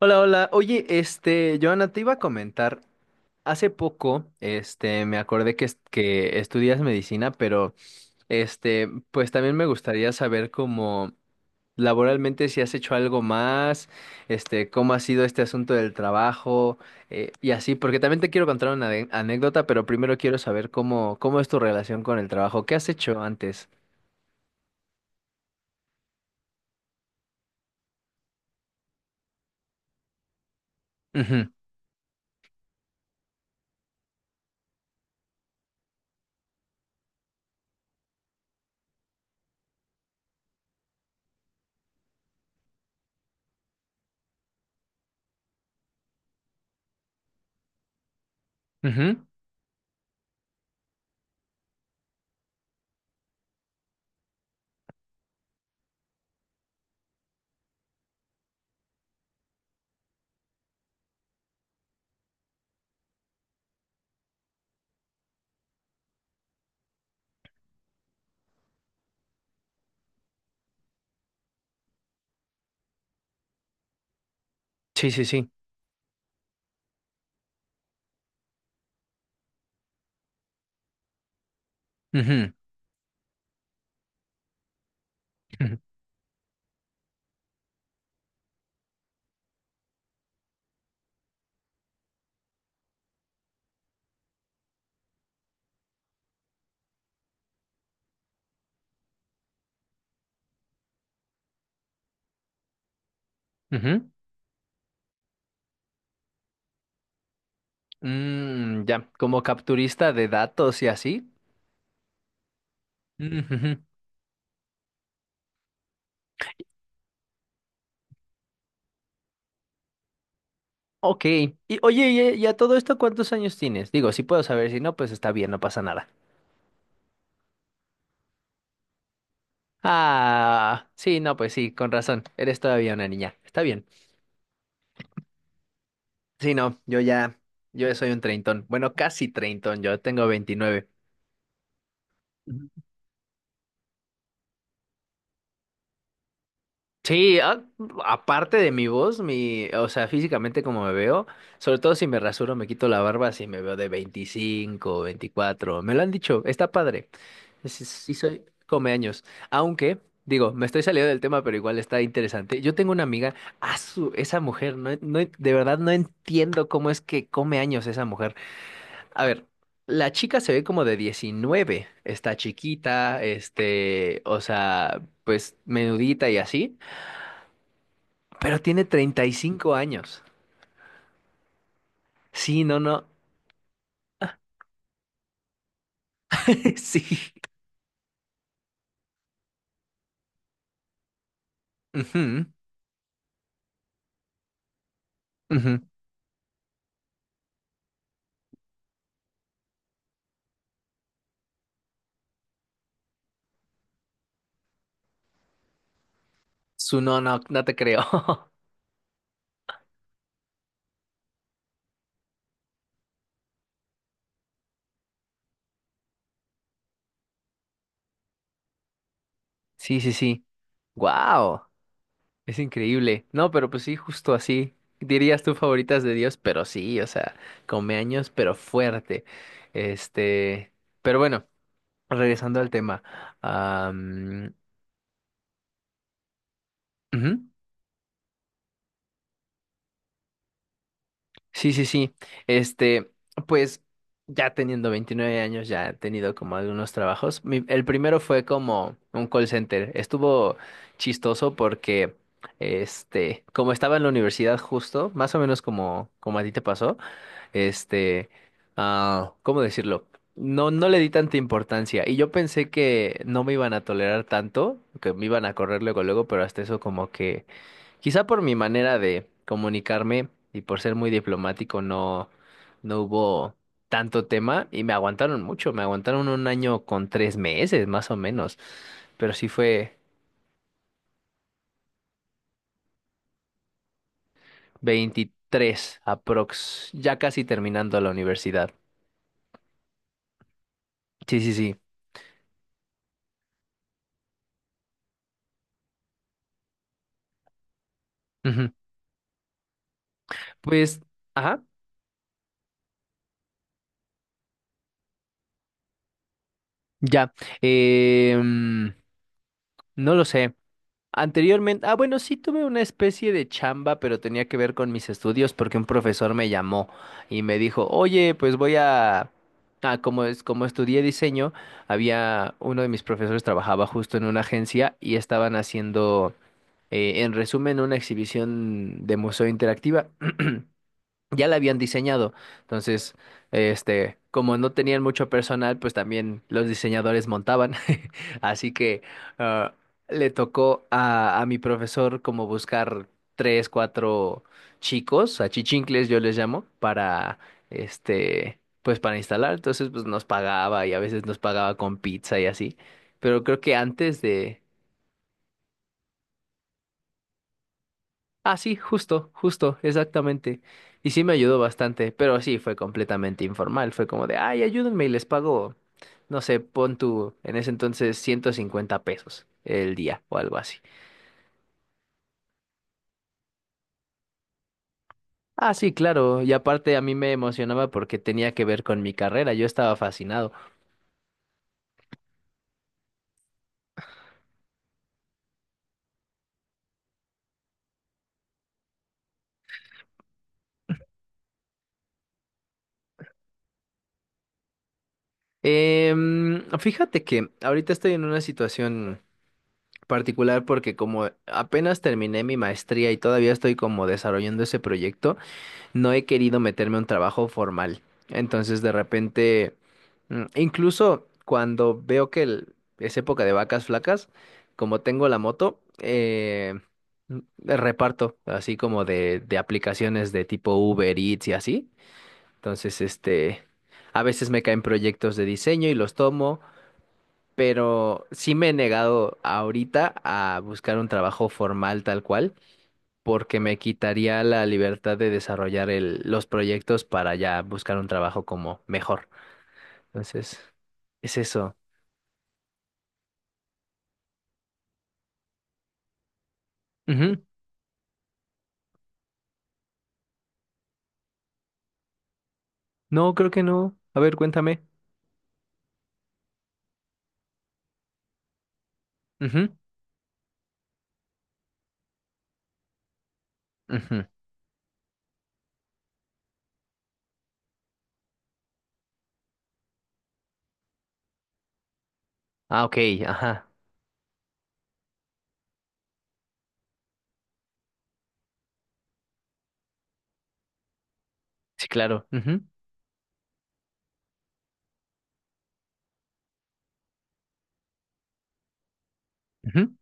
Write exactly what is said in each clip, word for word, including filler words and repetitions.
Hola, hola. Oye, este, Joana, te iba a comentar, hace poco, este, me acordé que, es- que estudias medicina, pero, este, pues también me gustaría saber cómo laboralmente si has hecho algo más, este, cómo ha sido este asunto del trabajo, eh, y así, porque también te quiero contar una ane- anécdota, pero primero quiero saber cómo, cómo es tu relación con el trabajo. ¿Qué has hecho antes? Ujú, ujú. Sí, sí, sí. Ujú, ujú, ujú. Mm, ya, como capturista de datos y así. Ujujú. Ok. Y oye, y, eh, y a todo esto, ¿cuántos años tienes? Digo, si puedo saber, si no, pues está bien, no pasa nada. Ah, sí, no, pues sí, con razón. Eres todavía una niña. Está bien. Sí, no, yo ya, yo soy un treintón. Bueno, casi treintón, yo tengo veintinueve. Ujú. Sí, a- Aparte de mi voz, mi, o sea, físicamente como me veo, sobre todo si me rasuro, me quito la barba, si me veo de veinticinco veinticuatro me lo han dicho, está padre. Sí, sí soy comeaños. Aunque, digo, me estoy saliendo del tema, pero igual está interesante. Yo tengo una amiga, su esa mujer, no, no, de verdad no entiendo cómo es que come años esa mujer. A ver, la chica se ve como de diecinueve, está chiquita, este, o sea, pues menudita y así, pero tiene treinta y cinco años. Sí, no, no, sí. Ujú, ujú. Su No, no, no te creo. Sí, sí, sí. Wow. Es increíble. No, pero pues sí, justo así. Dirías tú favoritas de Dios, pero sí, o sea, come años, pero fuerte. Este, pero bueno, regresando al tema. am, ujú, sí, sí, sí. Este, pues ya teniendo veintinueve años, ya he tenido como algunos trabajos. Mi- el primero fue como un call center. Estuvo chistoso porque, este, como estaba en la universidad justo, más o menos como, como a ti te pasó. Este, ah, ¿cómo decirlo? No, no le di tanta importancia. Y yo pensé que no me iban a tolerar tanto, que me iban a correr luego, luego, pero hasta eso como que, quizá por mi manera de comunicarme y por ser muy diplomático, no, no hubo tanto tema y me aguantaron mucho, me aguantaron un año con tres meses, más o menos, pero sí fue veintitrés aprox, ya casi terminando la universidad. Sí, sí, sí. Ujú. Pues... ajá. Ya, eh, mm, no lo sé. Anteriormente, ah, bueno, sí tuve una especie de chamba, pero tenía que ver con mis estudios porque un profesor me llamó y me dijo, oye, pues voy a... Ah, como es, como estudié diseño, había uno de mis profesores trabajaba justo en una agencia y estaban haciendo, eh, en resumen, una exhibición de museo interactiva. Ya la habían diseñado. Entonces, este, como no tenían mucho personal, pues también los diseñadores montaban. Así que ah, le tocó a, a mi profesor como buscar tres, cuatro chicos, achichincles yo les llamo, para este, pues para instalar. Entonces, pues nos pagaba y a veces nos pagaba con pizza y así. Pero creo que antes de... Ah, sí, justo, justo, exactamente. Y sí me ayudó bastante, pero sí fue completamente informal. Fue como de, ay, ayúdenme y les pago, no sé, pon tu, en ese entonces, ciento cincuenta pesos el día o algo así. Ah, sí, claro. Y aparte a mí me emocionaba porque tenía que ver con mi carrera. Yo estaba fascinado. Em, fíjate que ahorita estoy en una situación particular porque como apenas terminé mi maestría y todavía estoy como desarrollando ese proyecto. No he querido meterme a un trabajo formal. Entonces, de repente, mm, incluso cuando veo que el- es época de vacas flacas, como tengo la moto, eh, mm, reparto, así como de, de aplicaciones de tipo Uber Eats y así. Entonces, este, a veces me caen proyectos de diseño y los tomo, pero sí me he negado ahorita a buscar un trabajo formal tal cual porque me quitaría la libertad de desarrollar el- los proyectos para ya buscar un trabajo como mejor. Entonces, es eso. Ujú. No, creo que no. A ver, cuéntame. Ujú, ujú. Ah, ok, ajá. Sí, claro. Ujú, ujú.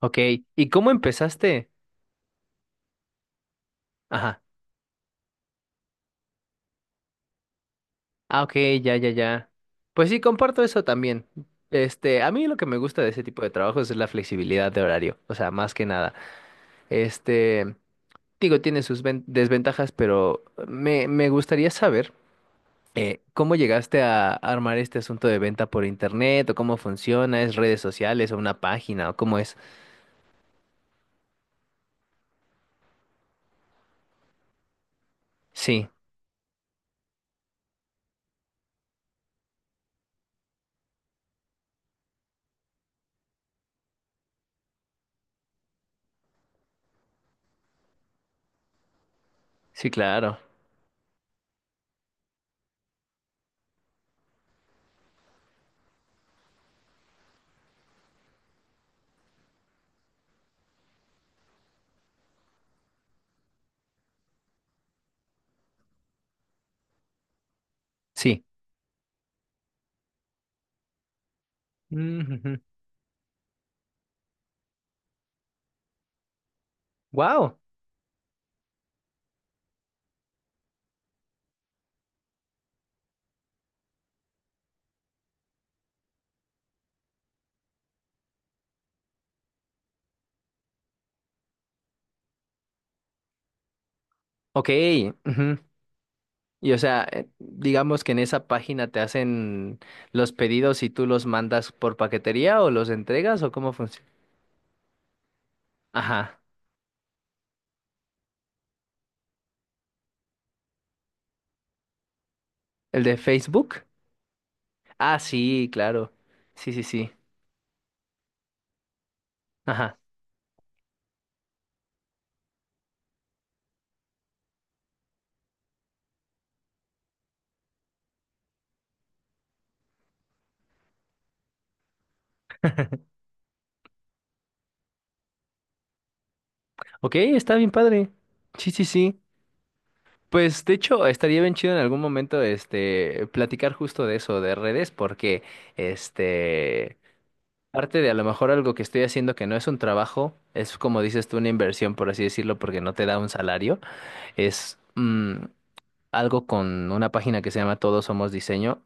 Ok, ¿y cómo empezaste? Ajá. Ah, ok, ya, ya, ya. Pues sí, comparto eso también. Este, a mí lo que me gusta de ese tipo de trabajos es la flexibilidad de horario, o sea, más que nada. Este, Digo, tiene sus ven- desventajas, pero me, me gustaría saber eh, cómo llegaste a armar este asunto de venta por internet o cómo funciona, es redes sociales o una página o cómo es. Sí, sí, claro. Sí. Wow. Ok. Ujú. Y o sea, eh, digamos que en esa página te hacen los pedidos y tú los mandas por paquetería o los entregas o cómo funciona. Ajá. ¿El de Facebook? Ah, sí, claro. Sí, sí, sí. Ajá. Ok, está bien padre. Sí, sí, sí. Pues de hecho, estaría bien chido en algún momento este platicar justo de eso, de redes, porque este parte de a lo mejor algo que estoy haciendo que no es un trabajo, es como dices tú, una inversión, por así decirlo, porque no te da un salario, es mm, algo con una página que se llama Todos Somos Diseño.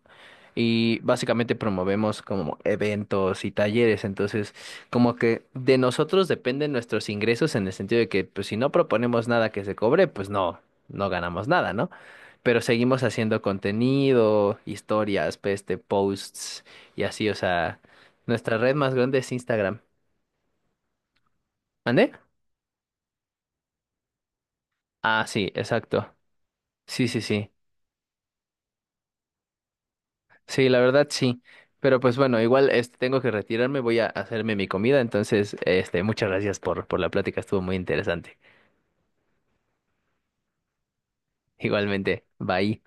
Y básicamente promovemos como eventos y talleres, entonces como que de nosotros dependen nuestros ingresos en el sentido de que pues si no proponemos nada que se cobre, pues no, no ganamos nada, ¿no? Pero seguimos haciendo contenido, historias, pues, este, posts y así, o sea, nuestra red más grande es Instagram. ¿Mande? Ah, sí, exacto. Sí, sí, sí. Sí, la verdad sí. Pero pues bueno, igual este, tengo que retirarme, voy a hacerme mi comida, entonces este, muchas gracias por, por la plática, estuvo muy interesante. Igualmente, bye.